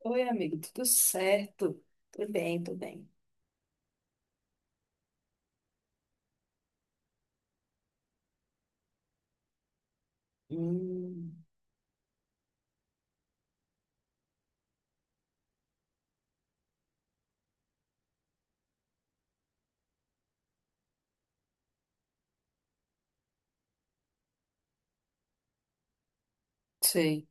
Oi, amigo, tudo certo? Tudo bem, tudo bem. Hum, sei.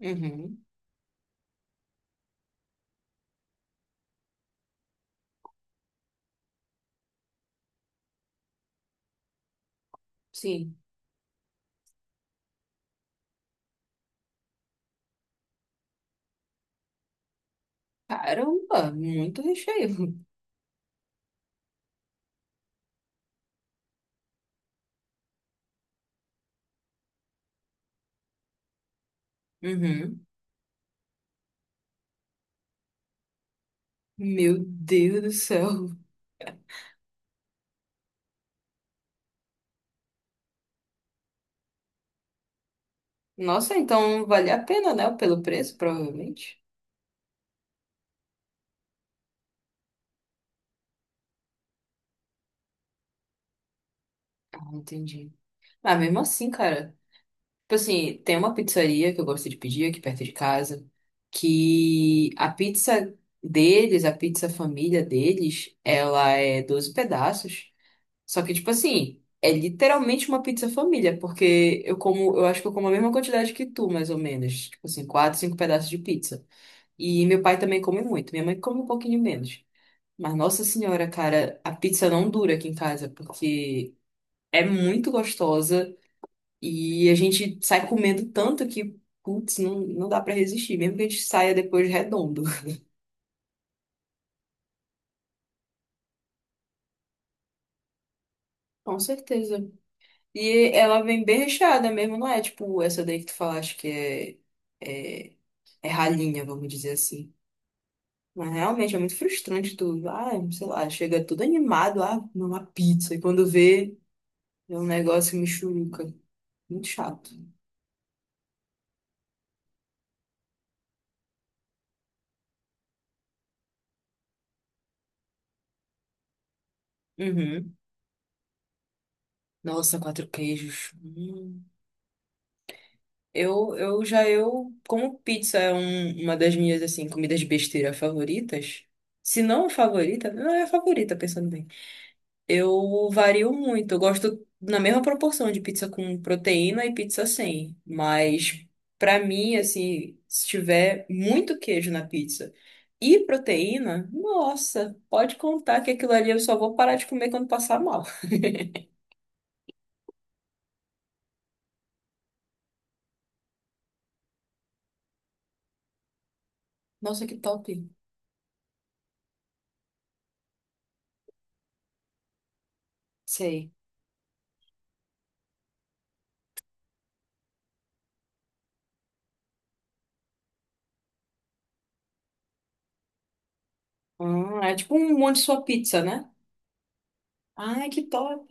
Uhum, sim. Caramba, muito recheio. Uhum. Meu Deus do céu. Nossa, então vale a pena, né? Pelo preço, provavelmente. Ah, entendi. Ah, mesmo assim, cara. Tipo assim, tem uma pizzaria que eu gosto de pedir aqui perto de casa, que a pizza deles, a pizza família deles, ela é 12 pedaços. Só que, tipo assim, é literalmente uma pizza família, porque eu como, eu acho que eu como a mesma quantidade que tu, mais ou menos. Tipo assim, 4, 5 pedaços de pizza. E meu pai também come muito, minha mãe come um pouquinho menos. Mas, nossa senhora, cara, a pizza não dura aqui em casa, porque é muito gostosa e a gente sai comendo tanto que, putz, não dá pra resistir, mesmo que a gente saia depois redondo. Com certeza. E ela vem bem recheada mesmo, não é tipo essa daí que tu falaste que é. é é ralinha, vamos dizer assim. Mas realmente é muito frustrante tudo. Ah, sei lá, chega tudo animado, ah, comer uma pizza, e quando vê, é um negócio mexuruca. Muito chato. Uhum. Nossa, quatro queijos. Hum. Eu já eu como pizza é uma das minhas assim comidas besteira favoritas. Se não a favorita, não é a favorita, pensando bem. Eu vario muito. Eu gosto na mesma proporção de pizza com proteína e pizza sem. Mas pra mim, assim, se tiver muito queijo na pizza e proteína, nossa, pode contar que aquilo ali eu só vou parar de comer quando passar mal. Nossa, que top. Sei. É tipo um monte de sua pizza, né? Ai, que top.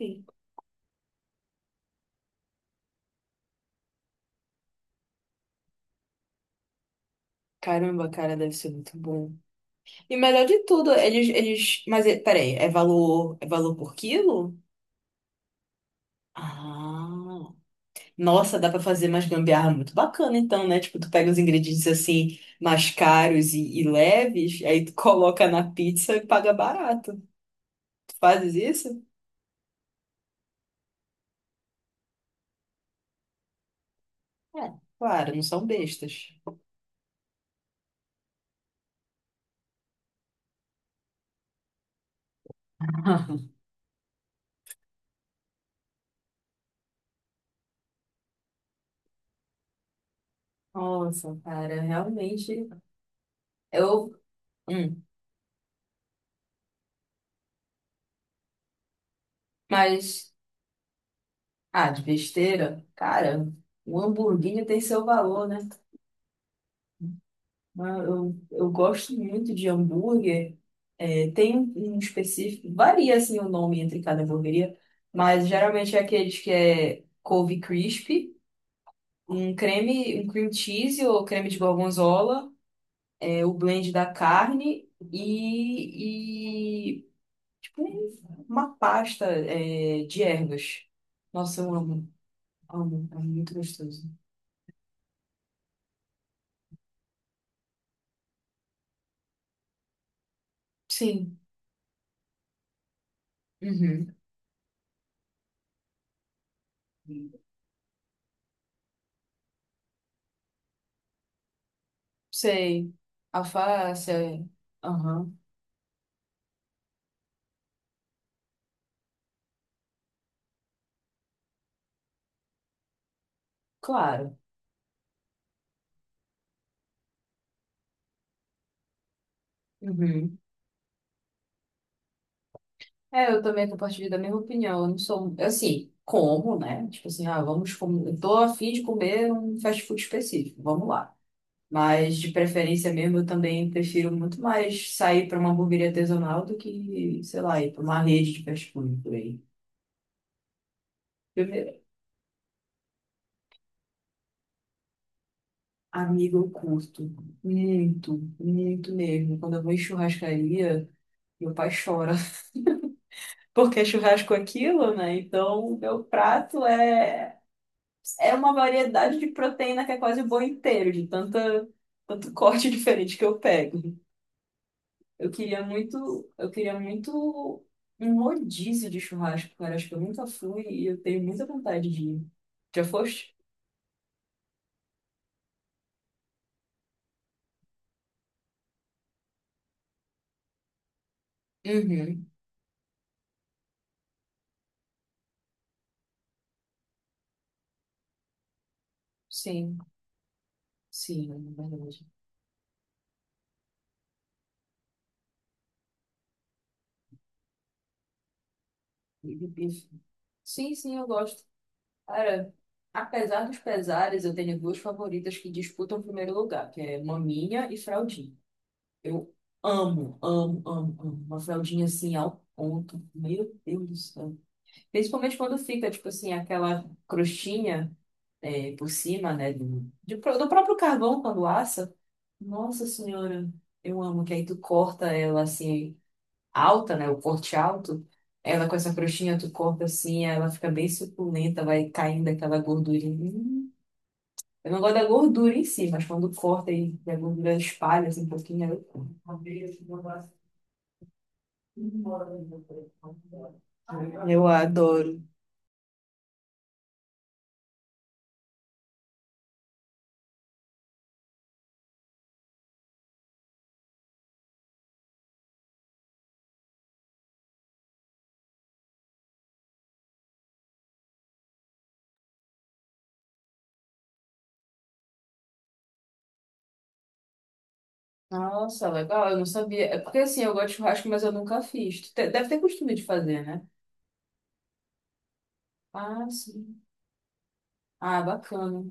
Caramba, cara, deve ser muito bom. E melhor de tudo, eles... Mas, peraí, é valor por quilo? Ah. Nossa, dá pra fazer mais gambiarra muito bacana, então, né? Tipo, tu pega os ingredientes assim, mais caros e leves, aí tu coloca na pizza e paga barato. Tu fazes isso? É, claro, não são bestas. Nossa, cara, realmente. Eu, Hum. mas, ah, de besteira, cara, o hamburguinho tem seu valor, né? Ah, eu gosto muito de hambúrguer. É, tem um específico, varia assim o nome entre cada hamburgueria, mas geralmente é aqueles que é couve crispy, um creme, um cream cheese ou creme de gorgonzola, é, o blend da carne e tipo uma pasta é, de ervas. Nossa, eu amo, amo, é muito gostoso. Sim, uhum. Sei, alface, é, aham. Claro. Uhum. É, eu também compartilho da mesma opinião. Eu não sou, assim, como, né? Tipo assim, ah, vamos, com... eu tô a fim de comer um fast food específico, vamos lá. Mas de preferência mesmo, eu também prefiro muito mais sair para uma hamburgueria artesanal do que, sei lá, ir para uma rede de fast food por aí. Primeiro, amigo, eu curto muito, muito mesmo. Quando eu vou em churrascaria, meu pai chora. Porque churrasco é aquilo, né? Então, meu prato é uma variedade de proteína que é quase o boi inteiro, de tanta, tanto corte diferente que eu pego. Eu queria muito um rodízio de churrasco, cara. Acho que eu nunca fui e eu tenho muita vontade de ir. Já foste? Uhum. Sim, sim, é verdade. E de bife. Sim, sim, eu gosto. Cara, apesar dos pesares, eu tenho 2 favoritas que disputam o primeiro lugar, que é maminha e fraldinha. Eu amo, amo, amo, amo. Uma fraldinha assim ao ponto. Meu Deus do céu. Principalmente quando fica, tipo assim, aquela crostinha é, por cima, né? Do próprio carvão quando assa. Nossa Senhora, eu amo. Que aí tu corta ela assim, alta, né? O corte alto. Ela com essa crostinha, tu corta assim, ela fica bem suculenta, vai caindo aquela gordurinha. Hum. Eu não gosto da gordura em si, mas quando corta e a gordura espalha assim, um pouquinho, aí eu... amo. Eu adoro. Nossa, legal. Eu não sabia. É porque assim, eu gosto de churrasco, mas eu nunca fiz. Deve ter costume de fazer, né? Ah, sim. Ah, bacana.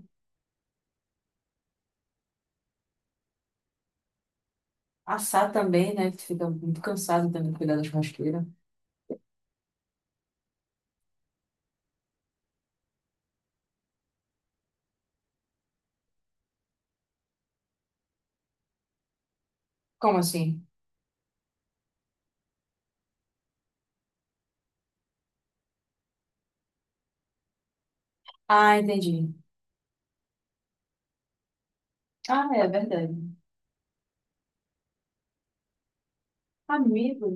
Assar também, né? Que tu fica muito cansado também de cuidar da churrasqueira. Como assim? Ah, entendi. Ah, é verdade. Amigo.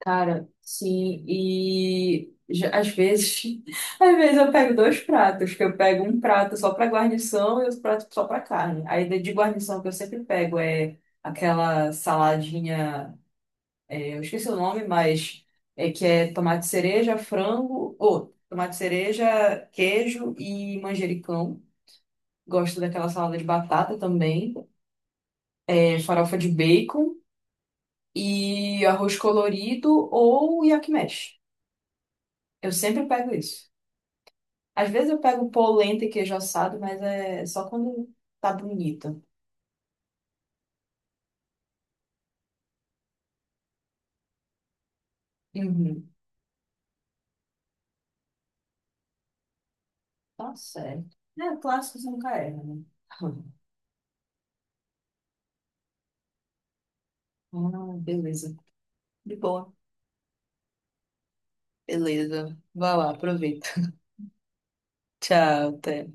Cara, sim, e às vezes, às vezes eu pego 2 pratos, que eu pego um prato só para guarnição e outro prato só para carne. Aí de guarnição que eu sempre pego é aquela saladinha, eu esqueci o nome, mas é que é tomate cereja, frango, ou tomate cereja, queijo e manjericão. Gosto daquela salada de batata também, é, farofa de bacon e arroz colorido ou yakimesh. Eu sempre pego isso. Às vezes eu pego polenta e queijo assado, mas é só quando tá bonita. Uhum. Tá certo. É, clássicos nunca erram, né? Ah, beleza. De boa. Beleza. Vai lá, aproveita. Tchau, até.